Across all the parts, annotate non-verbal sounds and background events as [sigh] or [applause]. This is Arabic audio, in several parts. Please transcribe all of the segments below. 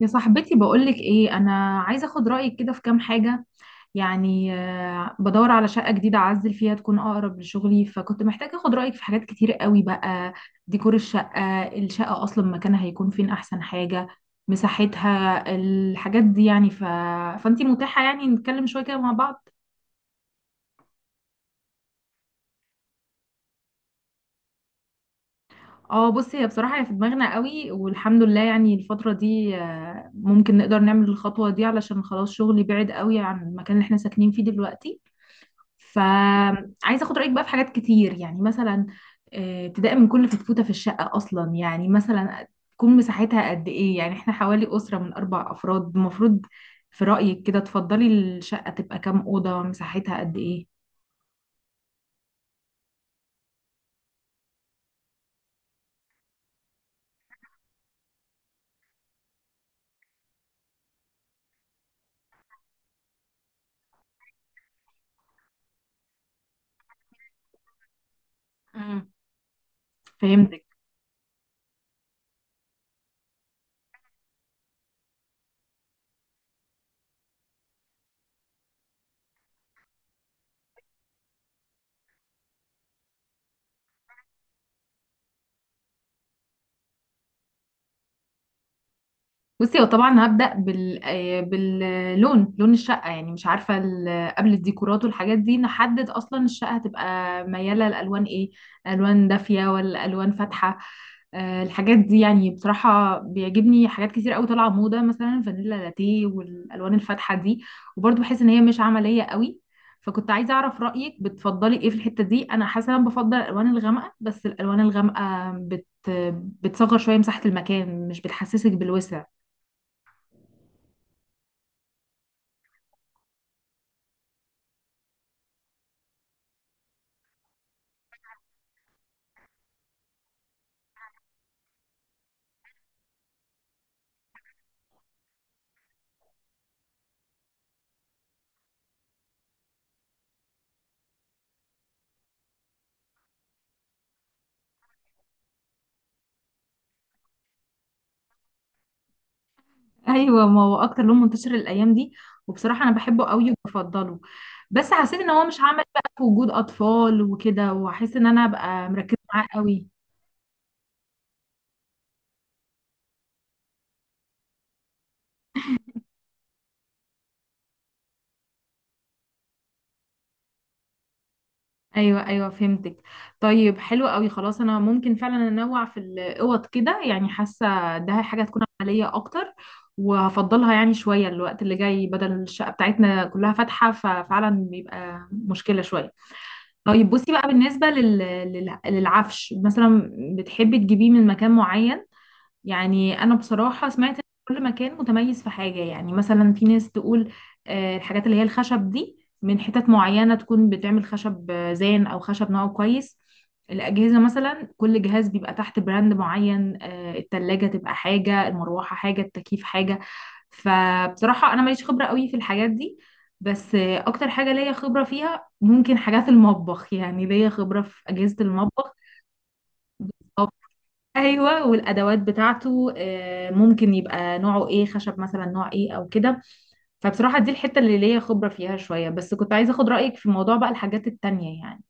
يا صاحبتي، بقولك ايه، انا عايزه اخد رايك كده في كام حاجه. يعني بدور على شقه جديده اعزل فيها تكون اقرب لشغلي، فكنت محتاجه اخد رايك في حاجات كتير قوي بقى. ديكور الشقه اصلا، مكانها هيكون فين؟ احسن حاجه مساحتها، الحاجات دي يعني فانتي متاحه يعني نتكلم شويه كده مع بعض. اه، بصي، هي بصراحه هي في دماغنا قوي والحمد لله، يعني الفتره دي ممكن نقدر نعمل الخطوه دي، علشان خلاص شغلي بعيد قوي عن المكان اللي احنا ساكنين فيه دلوقتي. فعايزه اخد رايك بقى في حاجات كتير، يعني مثلا ابتداء من كل فتفوته في الشقه اصلا، يعني مثلا تكون مساحتها قد ايه؟ يعني احنا حوالي اسره من اربع افراد، المفروض في رايك كده تفضلي الشقه تبقى كام اوضه؟ مساحتها قد ايه؟ مم. فهمت. بصي، هو طبعا هبدأ باللون، لون الشقة، يعني مش عارفة قبل الديكورات والحاجات دي نحدد أصلا الشقة هتبقى ميالة لألوان إيه؟ ألوان دافية ولا ألوان فاتحة؟ الحاجات دي يعني بصراحة بيعجبني حاجات كتير قوي طالعة موضة، مثلا فانيلا لاتيه والألوان الفاتحة دي، وبرضه بحس إن هي مش عملية قوي. فكنت عايزة أعرف رأيك، بتفضلي إيه في الحتة دي؟ أنا حاسة إن أنا بفضل الألوان الغامقة، بس الألوان الغامقة بتصغر شوية مساحة المكان، مش بتحسسك بالوسع. ايوه، ما هو اكتر لون منتشر الايام دي، وبصراحه انا بحبه قوي وبفضله. بس حسيت ان هو مش هعمل بقى في وجود اطفال وكده، وهحس ان انا ابقى مركزه معاه قوي. ايوه ايوه، فهمتك. طيب، حلو قوي. خلاص انا ممكن فعلا انوع في الاوض كده، يعني حاسه ده حاجه تكون عمليه اكتر. وهفضلها يعني شويه الوقت اللي جاي، بدل الشقه بتاعتنا كلها فاتحه ففعلا بيبقى مشكله شويه. طيب، بصي بقى بالنسبه للعفش مثلا، بتحبي تجيبيه من مكان معين؟ يعني انا بصراحه سمعت ان كل مكان متميز في حاجه، يعني مثلا في ناس تقول الحاجات اللي هي الخشب دي من حتت معينه تكون بتعمل خشب زان او خشب نوعه كويس. الاجهزه مثلا، كل جهاز بيبقى تحت براند معين، التلاجة تبقى حاجه، المروحه حاجه، التكييف حاجه. فبصراحه انا ماليش خبره قوي في الحاجات دي، بس اكتر حاجه ليا خبره فيها ممكن حاجات المطبخ، يعني ليا خبره في اجهزه المطبخ. ايوه، والادوات بتاعته ممكن يبقى نوعه ايه، خشب مثلا نوع ايه او كده. فبصراحه دي الحته اللي ليا خبره فيها شويه، بس كنت عايزه اخد رايك في موضوع بقى الحاجات التانية يعني.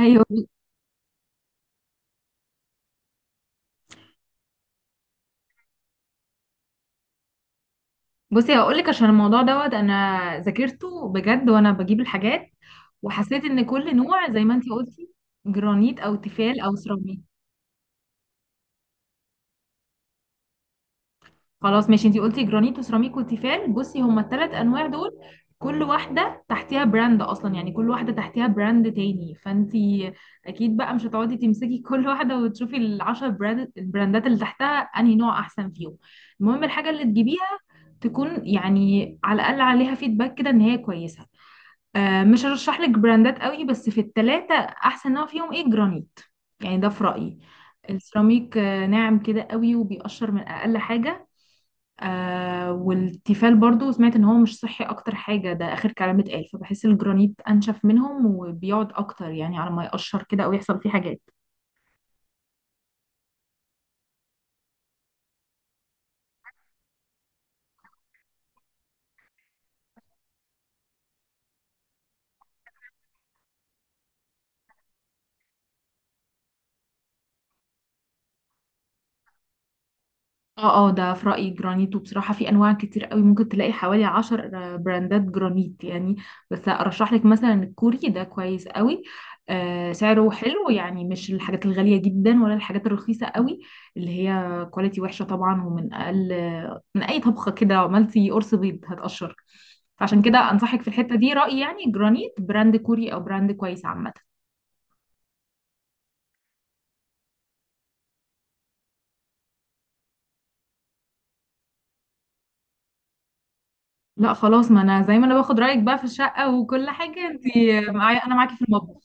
ايوه، بصي، هقول لك. عشان الموضوع دوت انا ذاكرته بجد وانا بجيب الحاجات، وحسيت ان كل نوع زي ما انتي قلتي، جرانيت او تيفال او سيراميك. خلاص، ماشي. انتي قلتي جرانيت وسيراميك وتيفال، بصي هما الثلاث انواع دول. كل واحده تحتيها براند اصلا، يعني كل واحده تحتيها براند تاني، فانتي اكيد بقى مش هتقعدي تمسكي كل واحده وتشوفي العشر براند البراندات اللي تحتها انهي نوع احسن فيهم. المهم الحاجه اللي تجيبيها تكون يعني على الاقل عليها فيدباك كده ان هي كويسه. مش هرشح لك براندات قوي، بس في الثلاثه احسن نوع فيهم ايه؟ جرانيت، يعني ده في رايي. السيراميك ناعم كده قوي وبيقشر من اقل حاجه. والتيفال برضو سمعت ان هو مش صحي، اكتر حاجة ده اخر كلام اتقال. فبحس الجرانيت انشف منهم وبيقعد اكتر، يعني على ما يقشر كده او يحصل فيه حاجات. اه اه، ده في رأيي جرانيت. وبصراحة في انواع كتير قوي، ممكن تلاقي حوالي 10 براندات جرانيت يعني. بس ارشح لك مثلا الكوري، ده كويس قوي. سعره حلو، يعني مش الحاجات الغالية جدا ولا الحاجات الرخيصة قوي اللي هي كواليتي وحشة طبعا، ومن اقل من اي طبخة كده عملتي قرص بيض هتقشر. فعشان كده انصحك في الحتة دي رأيي، يعني جرانيت براند كوري او براند كويس عامة. لا خلاص، ما انا زي ما انا باخد رأيك بقى في الشقة وكل حاجة، انت معايا انا معاكي في المطبخ.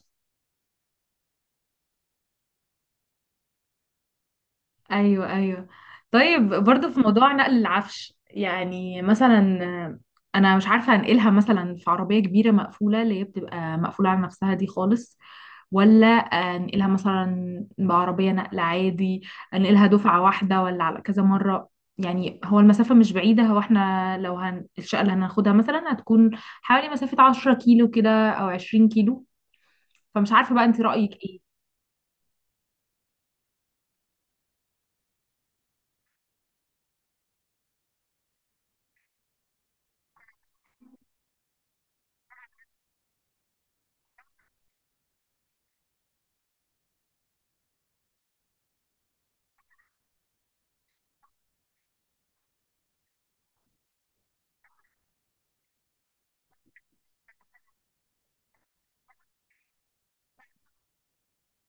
ايوه ايوه. طيب، برضه في موضوع نقل العفش، يعني مثلا انا مش عارفه انقلها مثلا في عربيه كبيره مقفوله اللي هي بتبقى مقفوله على نفسها دي خالص، ولا انقلها مثلا بعربيه نقل عادي؟ انقلها دفعه واحده ولا على كذا مره؟ يعني هو المسافه مش بعيده، هو احنا لو الشقه اللي هناخدها مثلا هتكون حوالي مسافه 10 كيلو كده او 20 كيلو، فمش عارفه بقى انت رايك ايه.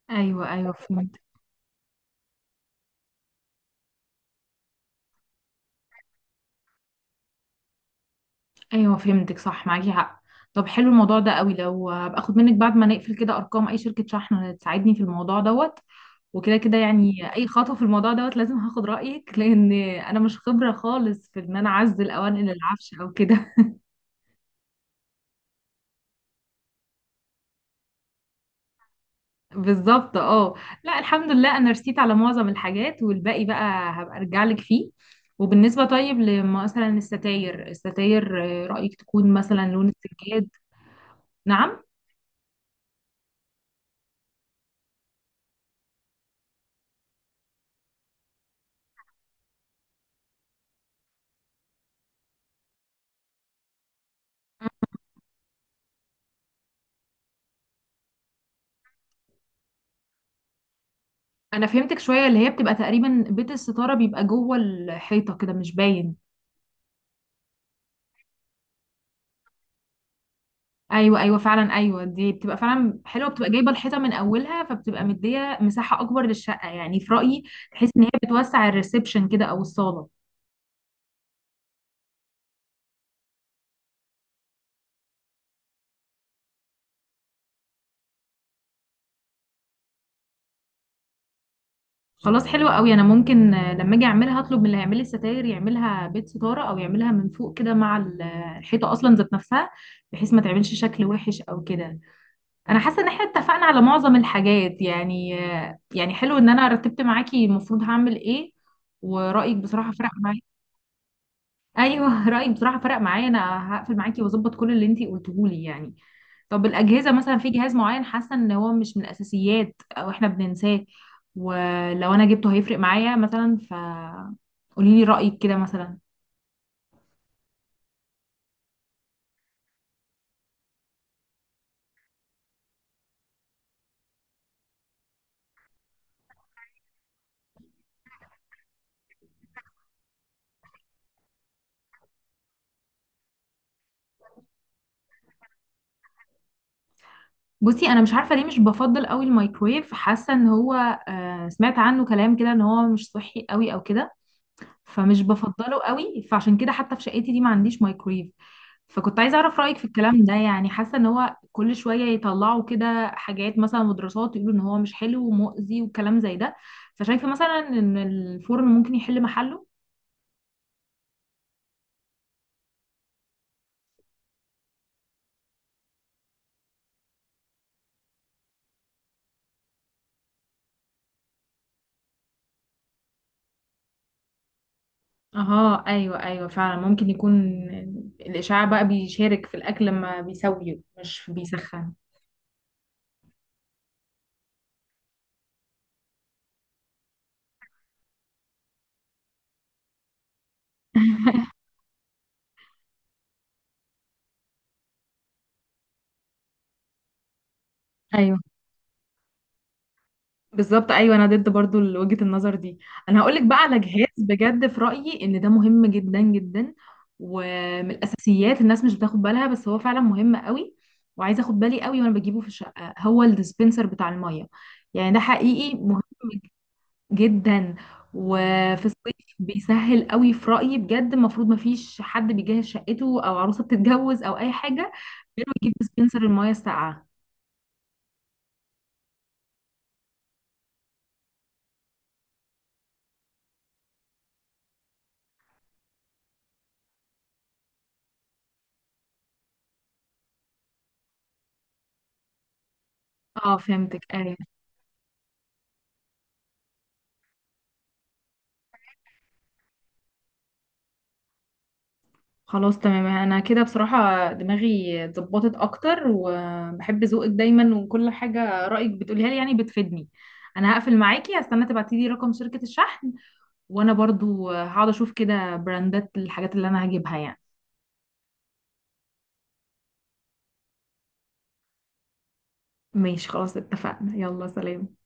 ايوه ايوه، فهمت. ايوه، فهمتك، صح، معاكي حق. طب حلو الموضوع ده قوي، لو هبقى اخد منك بعد ما نقفل كده ارقام اي شركة شحن تساعدني في الموضوع دوت. وكده كده يعني اي خطوة في الموضوع دوت لازم هاخد رأيك، لان انا مش خبرة خالص في ان انا اعزل او انقل العفش او كده. [laughs] بالظبط، اه. لا، الحمد لله، انا رسيت على معظم الحاجات، والباقي بقى هبقى ارجع لك فيه. وبالنسبة طيب لمثلا الستاير، رأيك تكون مثلا لون السجاد؟ نعم. انا فهمتك شويه، اللي هي بتبقى تقريبا بيت الستاره بيبقى جوه الحيطه كده مش باين. ايوه ايوه، فعلا، ايوه دي بتبقى فعلا حلوه، بتبقى جايبه الحيطه من اولها فبتبقى مديه مساحه اكبر للشقه يعني في رايي. تحس ان هي بتوسع الريسبشن كده او الصاله. خلاص، حلوه قوي. انا ممكن لما اجي اعملها هطلب من اللي هيعمل لي الستاير يعملها بيت ستاره، او يعملها من فوق كده مع الحيطه اصلا ذات نفسها، بحيث ما تعملش شكل وحش او كده. انا حاسه ان احنا اتفقنا على معظم الحاجات، يعني يعني حلو ان انا رتبت معاكي المفروض هعمل ايه. ورايك بصراحه فرق معايا. ايوه [laughs] رايك بصراحه فرق معايا، انا هقفل معاكي واظبط كل اللي انتي قلتيه لي يعني. طب الاجهزه، مثلا في جهاز معين حاسه ان هو مش من الاساسيات او احنا بننساه، ولو انا جبته هيفرق معايا مثلا، قولي لي رايك كده مثلا. بصي، انا مش عارفه ليه مش بفضل قوي الميكرويف، حاسه ان هو سمعت عنه كلام كده ان هو مش صحي قوي او كده، فمش بفضله قوي. فعشان كده حتى في شقتي دي ما عنديش مايكرويف. فكنت عايزه اعرف رايك في الكلام ده، يعني حاسه ان هو كل شويه يطلعوا كده حاجات مثلا ودراسات، يقولوا ان هو مش حلو ومؤذي وكلام زي ده. فشايفه مثلا ان الفرن ممكن يحل محله. اها ايوه ايوه، فعلا ممكن يكون الاشعاع بقى بيشارك في الاكل لما بيسويه، مش بيسخن. [laughs] ايوه بالظبط، ايوه انا ضد برضو وجهة النظر دي. انا هقولك بقى على جهاز بجد في رأيي ان ده مهم جدا جدا، ومن الاساسيات الناس مش بتاخد بالها، بس هو فعلا مهم قوي، وعايزه اخد بالي قوي وانا بجيبه في الشقه، هو الديسبنسر بتاع الميه. يعني ده حقيقي مهم جدا. وفي الصيف بيسهل قوي في رأيي بجد، المفروض ما فيش حد بيجهز شقته او عروسه بتتجوز او اي حاجه غير ما يجيب ديسبنسر الميه الساقعه. اه فهمتك، ايوه. خلاص، تمام. انا كده بصراحة دماغي اتظبطت اكتر، وبحب ذوقك دايما وكل حاجة رأيك بتقوليها لي يعني بتفيدني. انا هقفل معاكي، هستنى تبعتي لي رقم شركة الشحن، وانا برضو هقعد اشوف كده براندات الحاجات اللي انا هجيبها يعني. ماشي، خلاص اتفقنا. يلا سلام.